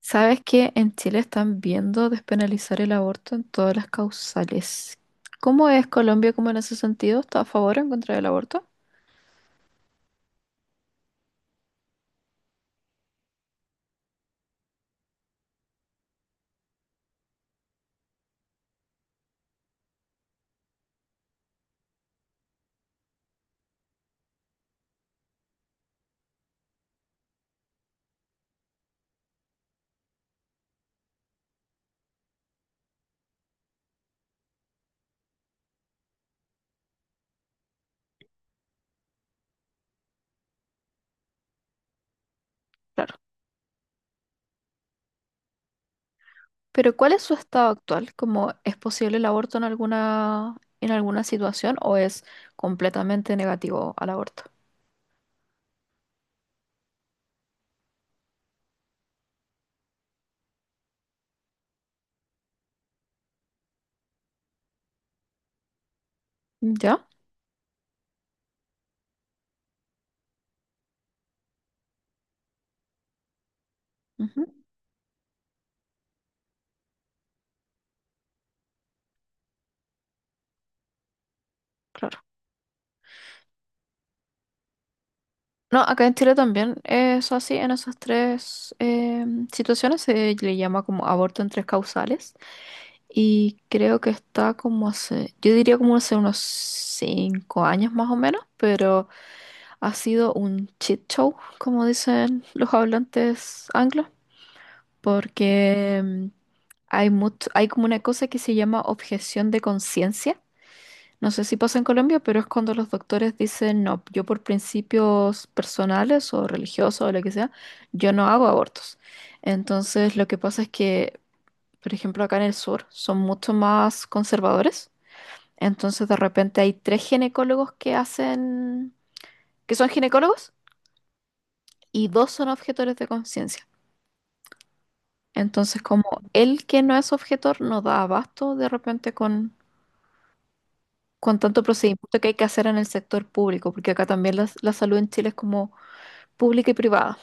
¿Sabes que en Chile están viendo despenalizar el aborto en todas las causales? ¿Cómo es Colombia como en ese sentido? ¿Está a favor o en contra del aborto? Claro. Pero ¿cuál es su estado actual? ¿Cómo es posible el aborto en alguna situación o es completamente negativo al aborto? ¿Ya? Ujú. Claro. No, acá en Chile también es así, en esas tres situaciones se le llama como aborto en tres causales y creo que está como hace, yo diría como hace unos 5 años más o menos, pero ha sido un shit show, como dicen los hablantes anglos, porque hay mucho, hay como una cosa que se llama objeción de conciencia. No sé si pasa en Colombia, pero es cuando los doctores dicen, no, yo por principios personales o religiosos o lo que sea, yo no hago abortos. Entonces, lo que pasa es que, por ejemplo, acá en el sur son mucho más conservadores. Entonces, de repente hay tres ginecólogos que hacen, que son ginecólogos, y dos son objetores de conciencia. Entonces, como él que no es objetor no da abasto de repente con tanto procedimiento que hay que hacer en el sector público, porque acá también la salud en Chile es como pública y privada.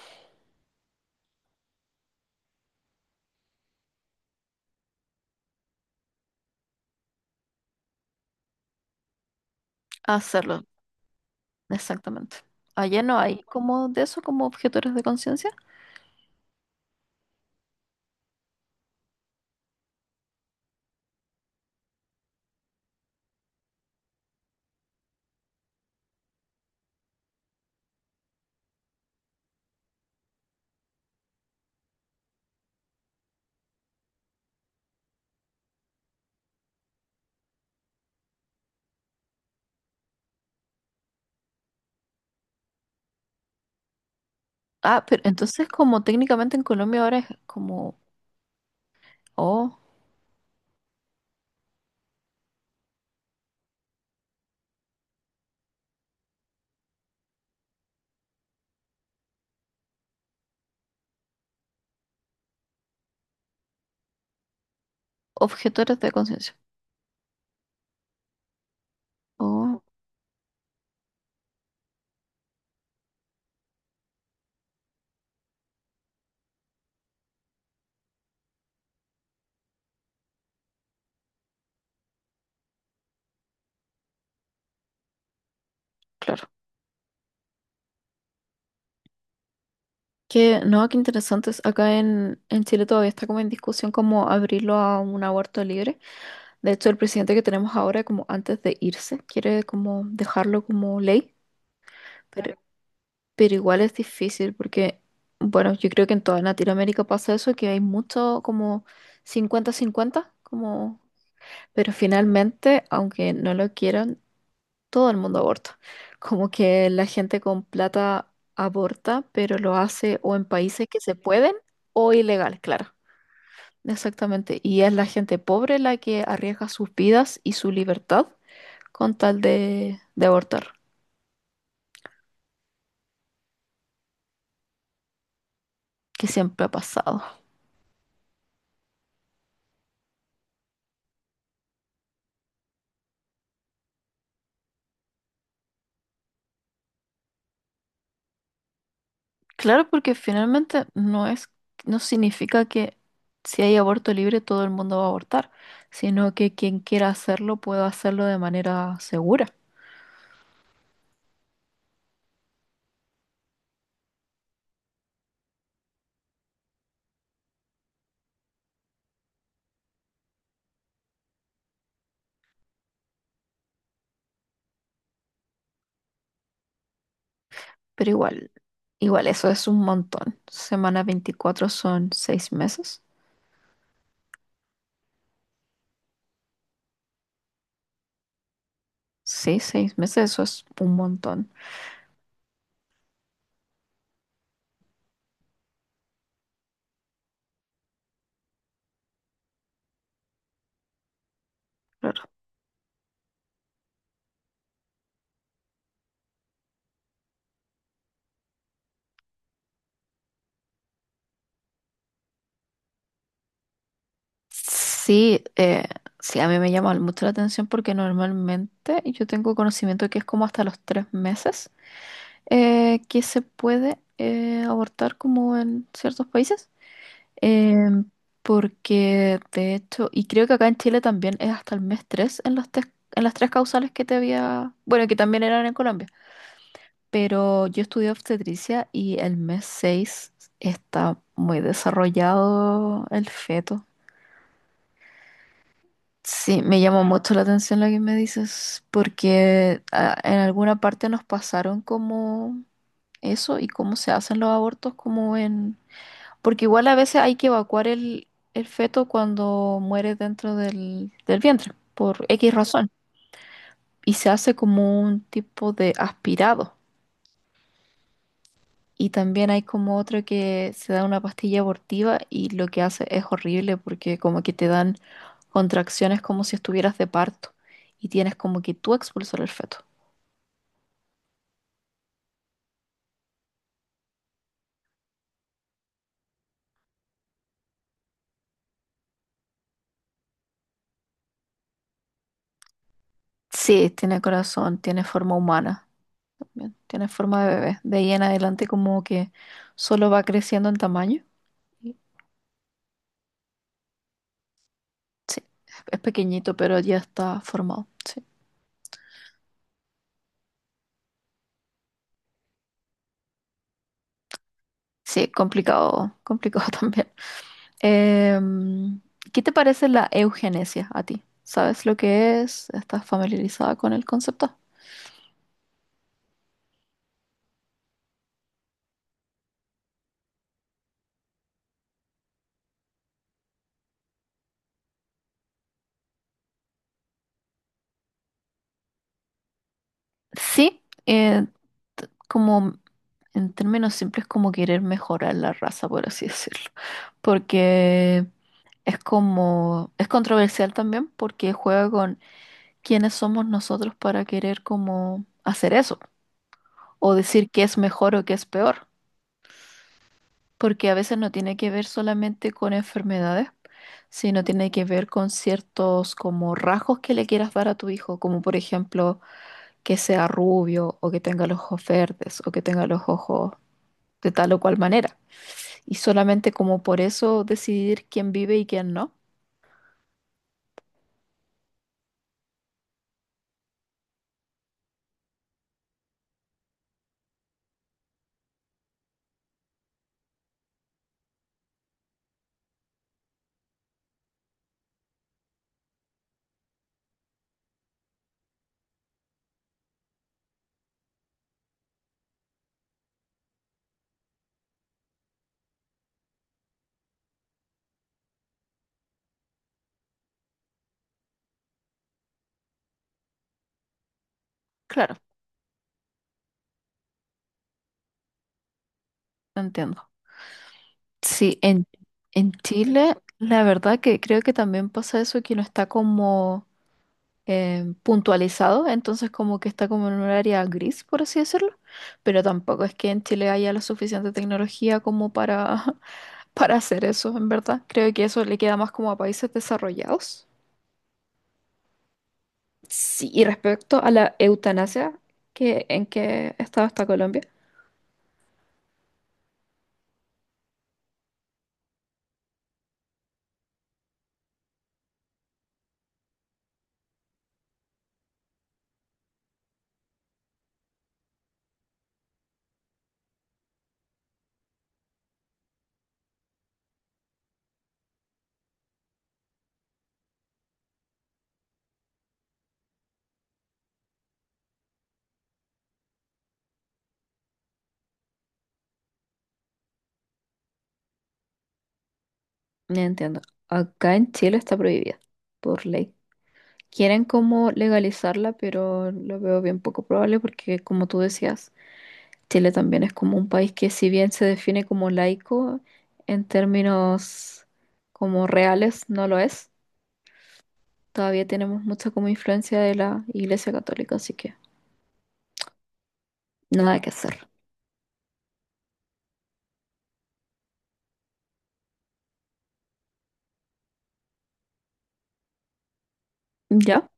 A hacerlo, exactamente. Allá no hay como de eso, como objetores de conciencia. Ah, pero entonces como técnicamente en Colombia ahora es como, oh, objetores de conciencia. Oh, claro. Que no, qué interesante. Acá en Chile todavía está como en discusión como abrirlo a un aborto libre. De hecho, el presidente que tenemos ahora, como antes de irse, quiere como dejarlo como ley. Pero Pero igual es difícil porque, bueno, yo creo que en toda Latinoamérica pasa eso, que hay mucho como cincuenta cincuenta como... Pero finalmente, aunque no lo quieran, todo el mundo aborta. Como que la gente con plata aborta, pero lo hace o en países que se pueden o ilegales, claro. Exactamente. Y es la gente pobre la que arriesga sus vidas y su libertad con tal de abortar, que siempre ha pasado. Claro, porque finalmente no es, no significa que si hay aborto libre todo el mundo va a abortar, sino que quien quiera hacerlo pueda hacerlo de manera segura. Pero igual, igual eso es un montón. Semana 24 son 6 meses. Sí, 6 meses, eso es un montón. Claro. Sí, sí, a mí me llama mucho la atención porque normalmente yo tengo conocimiento que es como hasta los 3 meses que se puede abortar como en ciertos países, em, porque de hecho, y creo que acá en Chile también es hasta el mes 3 en las tres causales que te había, bueno, que también eran en Colombia, pero yo estudié obstetricia y el mes 6 está muy desarrollado el feto. Sí, me llamó mucho la atención lo que me dices, porque ah, en alguna parte nos pasaron como eso y cómo se hacen los abortos como en... Porque igual a veces hay que evacuar el feto cuando muere dentro del vientre, por X razón. Y se hace como un tipo de aspirado. Y también hay como otro que se da una pastilla abortiva, y lo que hace es horrible porque como que te dan contracciones como si estuvieras de parto y tienes como que tú expulsar el feto. Sí, tiene corazón, tiene forma humana, también tiene forma de bebé. De ahí en adelante como que solo va creciendo en tamaño. Sí, es pequeñito, pero ya está formado. Sí, sí, complicado, complicado también. Em, ¿Qué te parece la eugenesia a ti? ¿Sabes lo que es? ¿Estás familiarizada con el concepto? Sí, eh, como en términos simples, como querer mejorar la raza, por así decirlo. Porque es como, es controversial también porque juega con quiénes somos nosotros para querer como hacer eso, o decir qué es mejor o qué es peor, porque a veces no tiene que ver solamente con enfermedades, sino tiene que ver con ciertos como rasgos que le quieras dar a tu hijo, como por ejemplo que sea rubio, o que tenga los ojos verdes, o que tenga los ojos de tal o cual manera. Y solamente como por eso decidir quién vive y quién no. Claro, entiendo. Sí, en Chile la verdad que creo que también pasa eso, que no está como puntualizado, entonces como que está como en un área gris, por así decirlo, pero tampoco es que en Chile haya la suficiente tecnología como para, para hacer eso, en verdad. Creo que eso le queda más como a países desarrollados. Sí, y respecto a la eutanasia, que, ¿en qué estado está Colombia? No entiendo. Acá en Chile está prohibida por ley. Quieren como legalizarla, pero lo veo bien poco probable porque, como tú decías, Chile también es como un país que si bien se define como laico, en términos como reales no lo es. Todavía tenemos mucha como influencia de la Iglesia Católica, así que nada que hacer. Ya,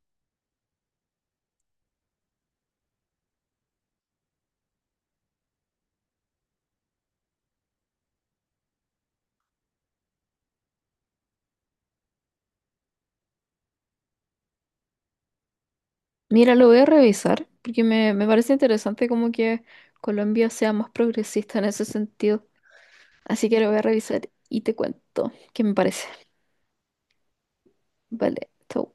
mira, lo voy a revisar porque me parece interesante como que Colombia sea más progresista en ese sentido. Así que lo voy a revisar y te cuento qué me parece. Vale, chau.